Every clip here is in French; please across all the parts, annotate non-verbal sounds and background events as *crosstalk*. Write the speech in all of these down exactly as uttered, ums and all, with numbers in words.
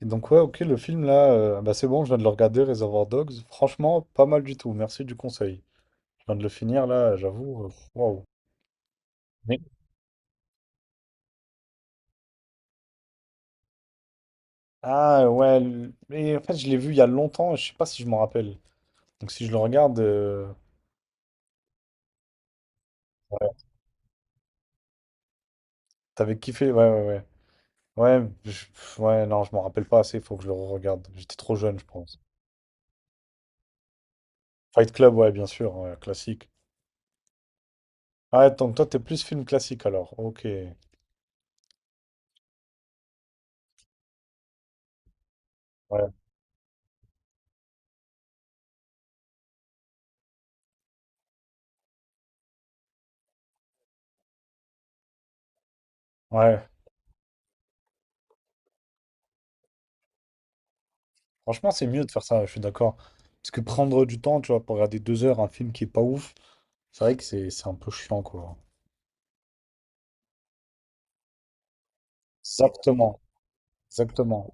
Et donc ouais, ok, le film là, euh, bah c'est bon, je viens de le regarder, Reservoir Dogs. Franchement, pas mal du tout. Merci du conseil. Je viens de le finir là, j'avoue. euh, Waouh. Mais- Ah ouais, le- mais en fait, je l'ai vu il y a longtemps, je sais pas si je m'en rappelle. Donc si je le regarde, euh, ouais, t'avais kiffé, ouais, ouais, ouais. Ouais, je- pff, ouais, non, je m'en rappelle pas assez, faut que je le regarde. J'étais trop jeune, je pense. Fight Club, ouais, bien sûr, ouais, classique. Ah, donc toi, t'es plus film classique alors. Ok. Ouais. Ouais, franchement, c'est mieux de faire ça, je suis d'accord. Parce que prendre du temps, tu vois, pour regarder deux heures un film qui est pas ouf, c'est vrai que c'est c'est un peu chiant, quoi. Exactement, exactement.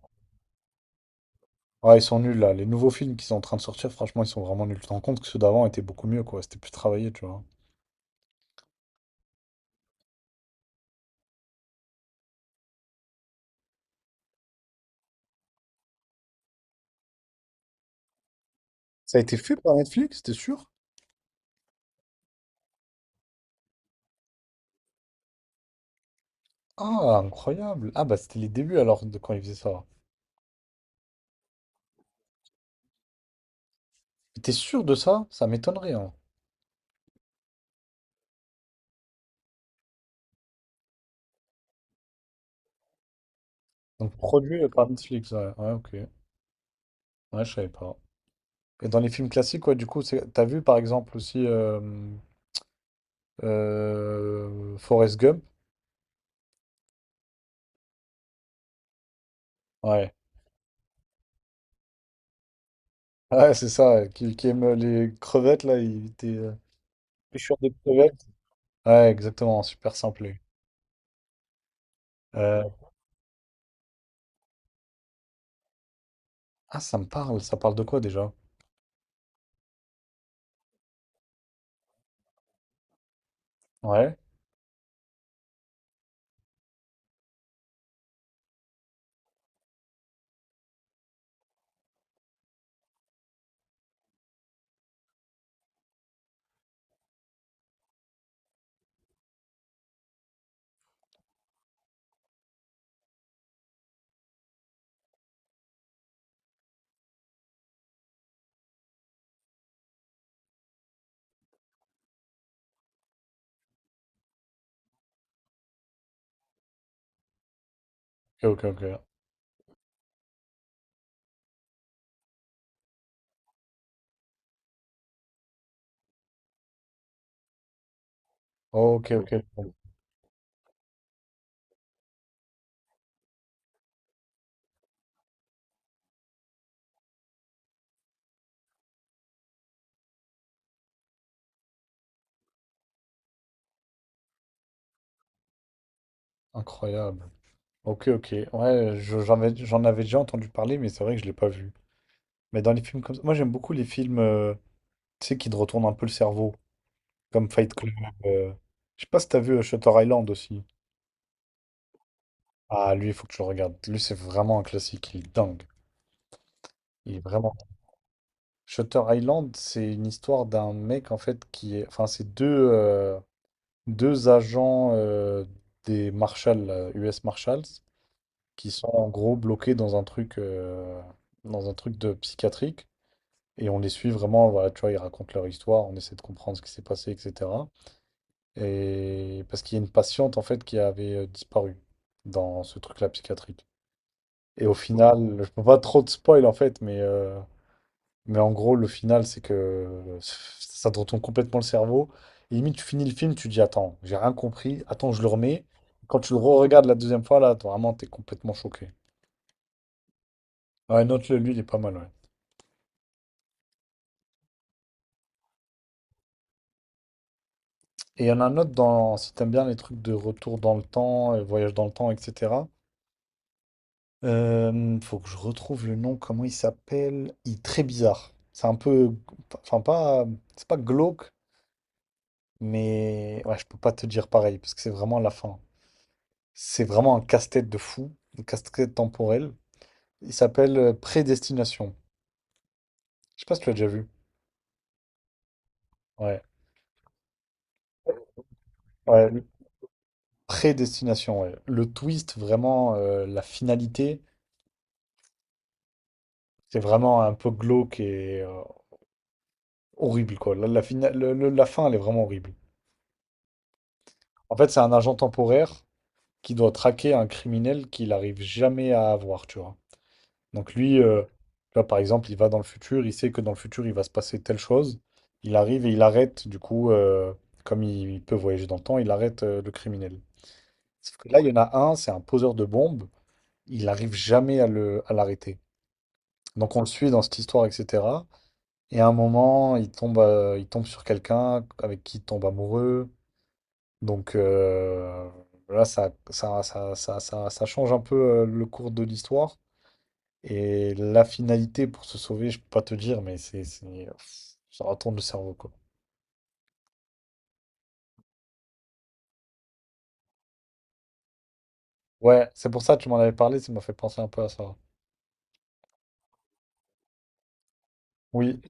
Ouais, ils sont nuls, là. Les nouveaux films qui sont en train de sortir, franchement, ils sont vraiment nuls. Tu te rends compte que ceux d'avant étaient beaucoup mieux, quoi. C'était plus travaillé, tu vois. Ça a été fait par Netflix, t'es sûr? Ah, incroyable. Ah, bah, c'était les débuts, alors, de quand ils faisaient ça. T'es sûr de ça? Ça m'étonnerait, hein. Donc produit euh, par Netflix, ouais. Ouais, ok. Ouais, je savais pas. Et dans les films classiques, ouais, du coup, c'est, t'as vu par exemple aussi euh, euh, Forrest Gump? Ouais. *laughs* Ouais, c'est ça, ouais, qui, qui aime euh, les crevettes, là, il était euh, pêcheur de crevettes. Ouais, exactement, super simplé. Euh, Ah, ça me parle, ça parle de quoi déjà? Ouais. Ok, ok, ok. Ok, ok. Bon. Incroyable. Ok, ok. Ouais, je- j'en avais, j'en avais déjà entendu parler, mais c'est vrai que je l'ai pas vu. Mais dans les films comme ça, moi j'aime beaucoup les films, euh, tu sais, qui te retournent un peu le cerveau, comme Fight Club. euh, Je sais pas si t'as vu euh, Shutter Island aussi. Ah, lui, il faut que tu le regardes. Lui, c'est vraiment un classique, il est dingue. Il est vraiment. Shutter Island, c'est une histoire d'un mec, en fait, qui est. Enfin, c'est deux, euh, deux agents euh, des Marshals, euh, U S Marshals, qui sont en gros bloqués dans un truc, euh, dans un truc de psychiatrique. Et on les suit vraiment, voilà, tu vois, ils racontent leur histoire, on essaie de comprendre ce qui s'est passé, et cetera. Et parce qu'il y a une patiente en fait qui avait euh, disparu dans ce truc-là psychiatrique. Et au final, je peux pas trop de spoil en fait, mais, euh, mais en gros, le final, c'est que euh, ça te retourne complètement le cerveau. Et limite, tu finis le film, tu dis, attends, j'ai rien compris, attends, je le remets. Quand tu le re-regardes la deuxième fois, là, t- vraiment, t'es complètement choqué. Ouais, note-le, lui, il est pas mal, ouais. Et il y en a un autre dans, si t'aimes bien les trucs de retour dans le temps, euh, voyage dans le temps, et cetera. Hem, faut que je retrouve le nom, comment il s'appelle? Il est très bizarre. C'est un peu, enfin pas, c'est pas glauque, mais ouais, je peux pas te dire pareil parce que c'est vraiment la fin. C'est vraiment un casse-tête de fou, un casse-tête temporel. Il s'appelle euh, Prédestination. Je sais pas si tu l'as déjà vu. Ouais, ouais, le- Prédestination. Ouais. Le twist, vraiment euh, la finalité, c'est vraiment un peu glauque et euh, horrible quoi. La, la fina- le- le- la fin, elle est vraiment horrible. En fait, c'est un agent temporaire qui doit traquer un criminel qu'il n'arrive jamais à avoir, tu vois. Donc lui, euh, tu vois, par exemple, il va dans le futur, il sait que dans le futur, il va se passer telle chose. Il arrive et il arrête, du coup, euh, comme il, il peut voyager dans le temps, il arrête euh, le criminel. Sauf que là, il y en a un, c'est un poseur de bombes, il n'arrive jamais à le, à l'arrêter. Donc on le suit dans cette histoire, et cetera. Et à un moment, il tombe, euh, il tombe sur quelqu'un avec qui il tombe amoureux. Donc euh, là, ça, ça, ça, ça, ça, ça change un peu euh, le cours de l'histoire. Et la finalité pour se sauver, je peux pas te dire, mais c'est, c'est- pff, ça retourne le cerveau, quoi. Ouais, c'est pour ça que tu m'en avais parlé, ça m'a fait penser un peu à ça. Oui,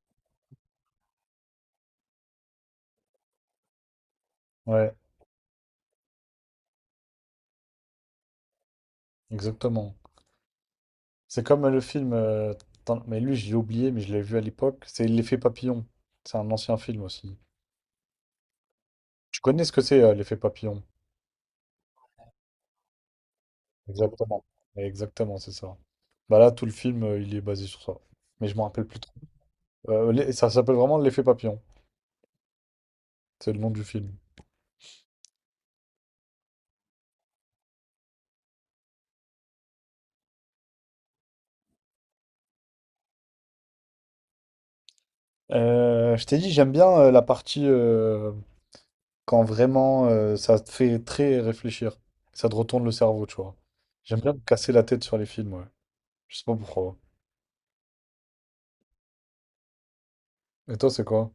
ouais, exactement. C'est comme euh, le film, euh, tant- mais lui, j'ai oublié, mais je l'ai vu à l'époque. C'est L'effet papillon. C'est un ancien film aussi. Tu connais ce que c'est, euh, l'effet papillon? Exactement. Exactement, c'est ça. Bah là, tout le film, euh, il est basé sur ça. Mais je me rappelle plus. Euh, les- ça s'appelle vraiment L'effet papillon. C'est le nom du film. Euh, je t'ai dit, j'aime bien euh, la partie euh, quand vraiment euh, ça te fait très réfléchir. Ça te retourne le cerveau, tu vois. J'aime bien me casser la tête sur les films, ouais. Je sais pas pourquoi. Et toi, c'est quoi?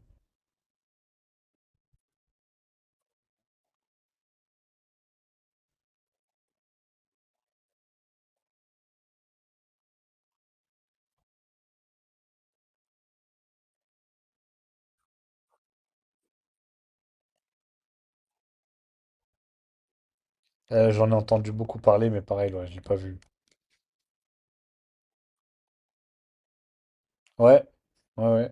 Euh, j'en ai entendu beaucoup parler, mais pareil, ouais, je l'ai pas vu. Ouais, ouais, ouais.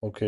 Ok,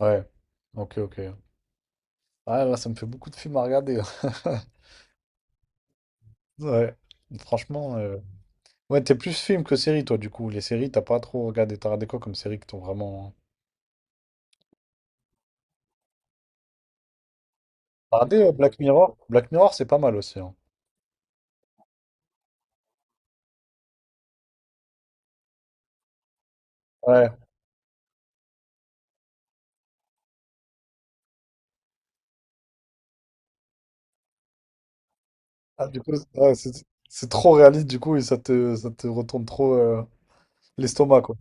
ouais. Ok, ok. Ah, là, ça me fait beaucoup de films à regarder. *laughs* Ouais. Franchement, euh, ouais, t'es plus film que série, toi, du coup. Les séries, t'as pas trop regardé. T'as regardé quoi comme série qui t'ont vraiment. Regardez euh, Black Mirror. Black Mirror, c'est pas mal aussi, hein. Ouais. Ah, du coup, c'est ouais, c'est- c'est trop réaliste, du coup, et ça te, ça te retourne trop euh, l'estomac, quoi.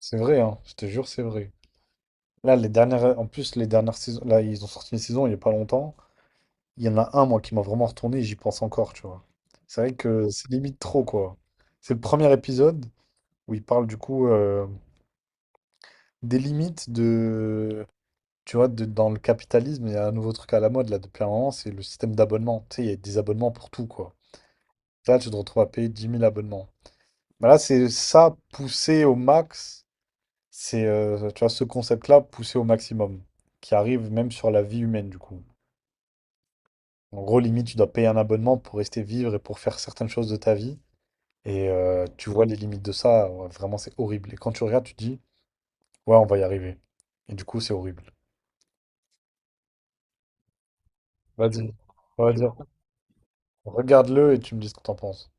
C'est vrai, hein, je te jure, c'est vrai. Là, les dernières, en plus, les dernières saisons, là, ils ont sorti une saison il n'y a pas longtemps. Il y en a un, moi, qui m'a vraiment retourné et j'y pense encore, tu vois. C'est vrai que c'est limite trop, quoi. C'est le premier épisode où il parle, du coup, euh, des limites de. Tu vois, de- dans le capitalisme, il y a un nouveau truc à la mode, là, depuis un moment, c'est le système d'abonnement. Tu sais, il y a des abonnements pour tout, quoi. Là, tu te retrouves à payer dix mille abonnements. Bah là, c'est ça poussé au max. C'est, euh, tu vois, ce concept-là poussé au maximum, qui arrive même sur la vie humaine, du coup. En gros, limite, tu dois payer un abonnement pour rester vivre et pour faire certaines choses de ta vie. Et euh, tu vois les limites de ça, ouais, vraiment, c'est horrible. Et quand tu regardes, tu te dis, ouais, on va y arriver. Et du coup, c'est horrible. Vas-y, on va dire, regarde-le et tu me dis ce que t'en penses.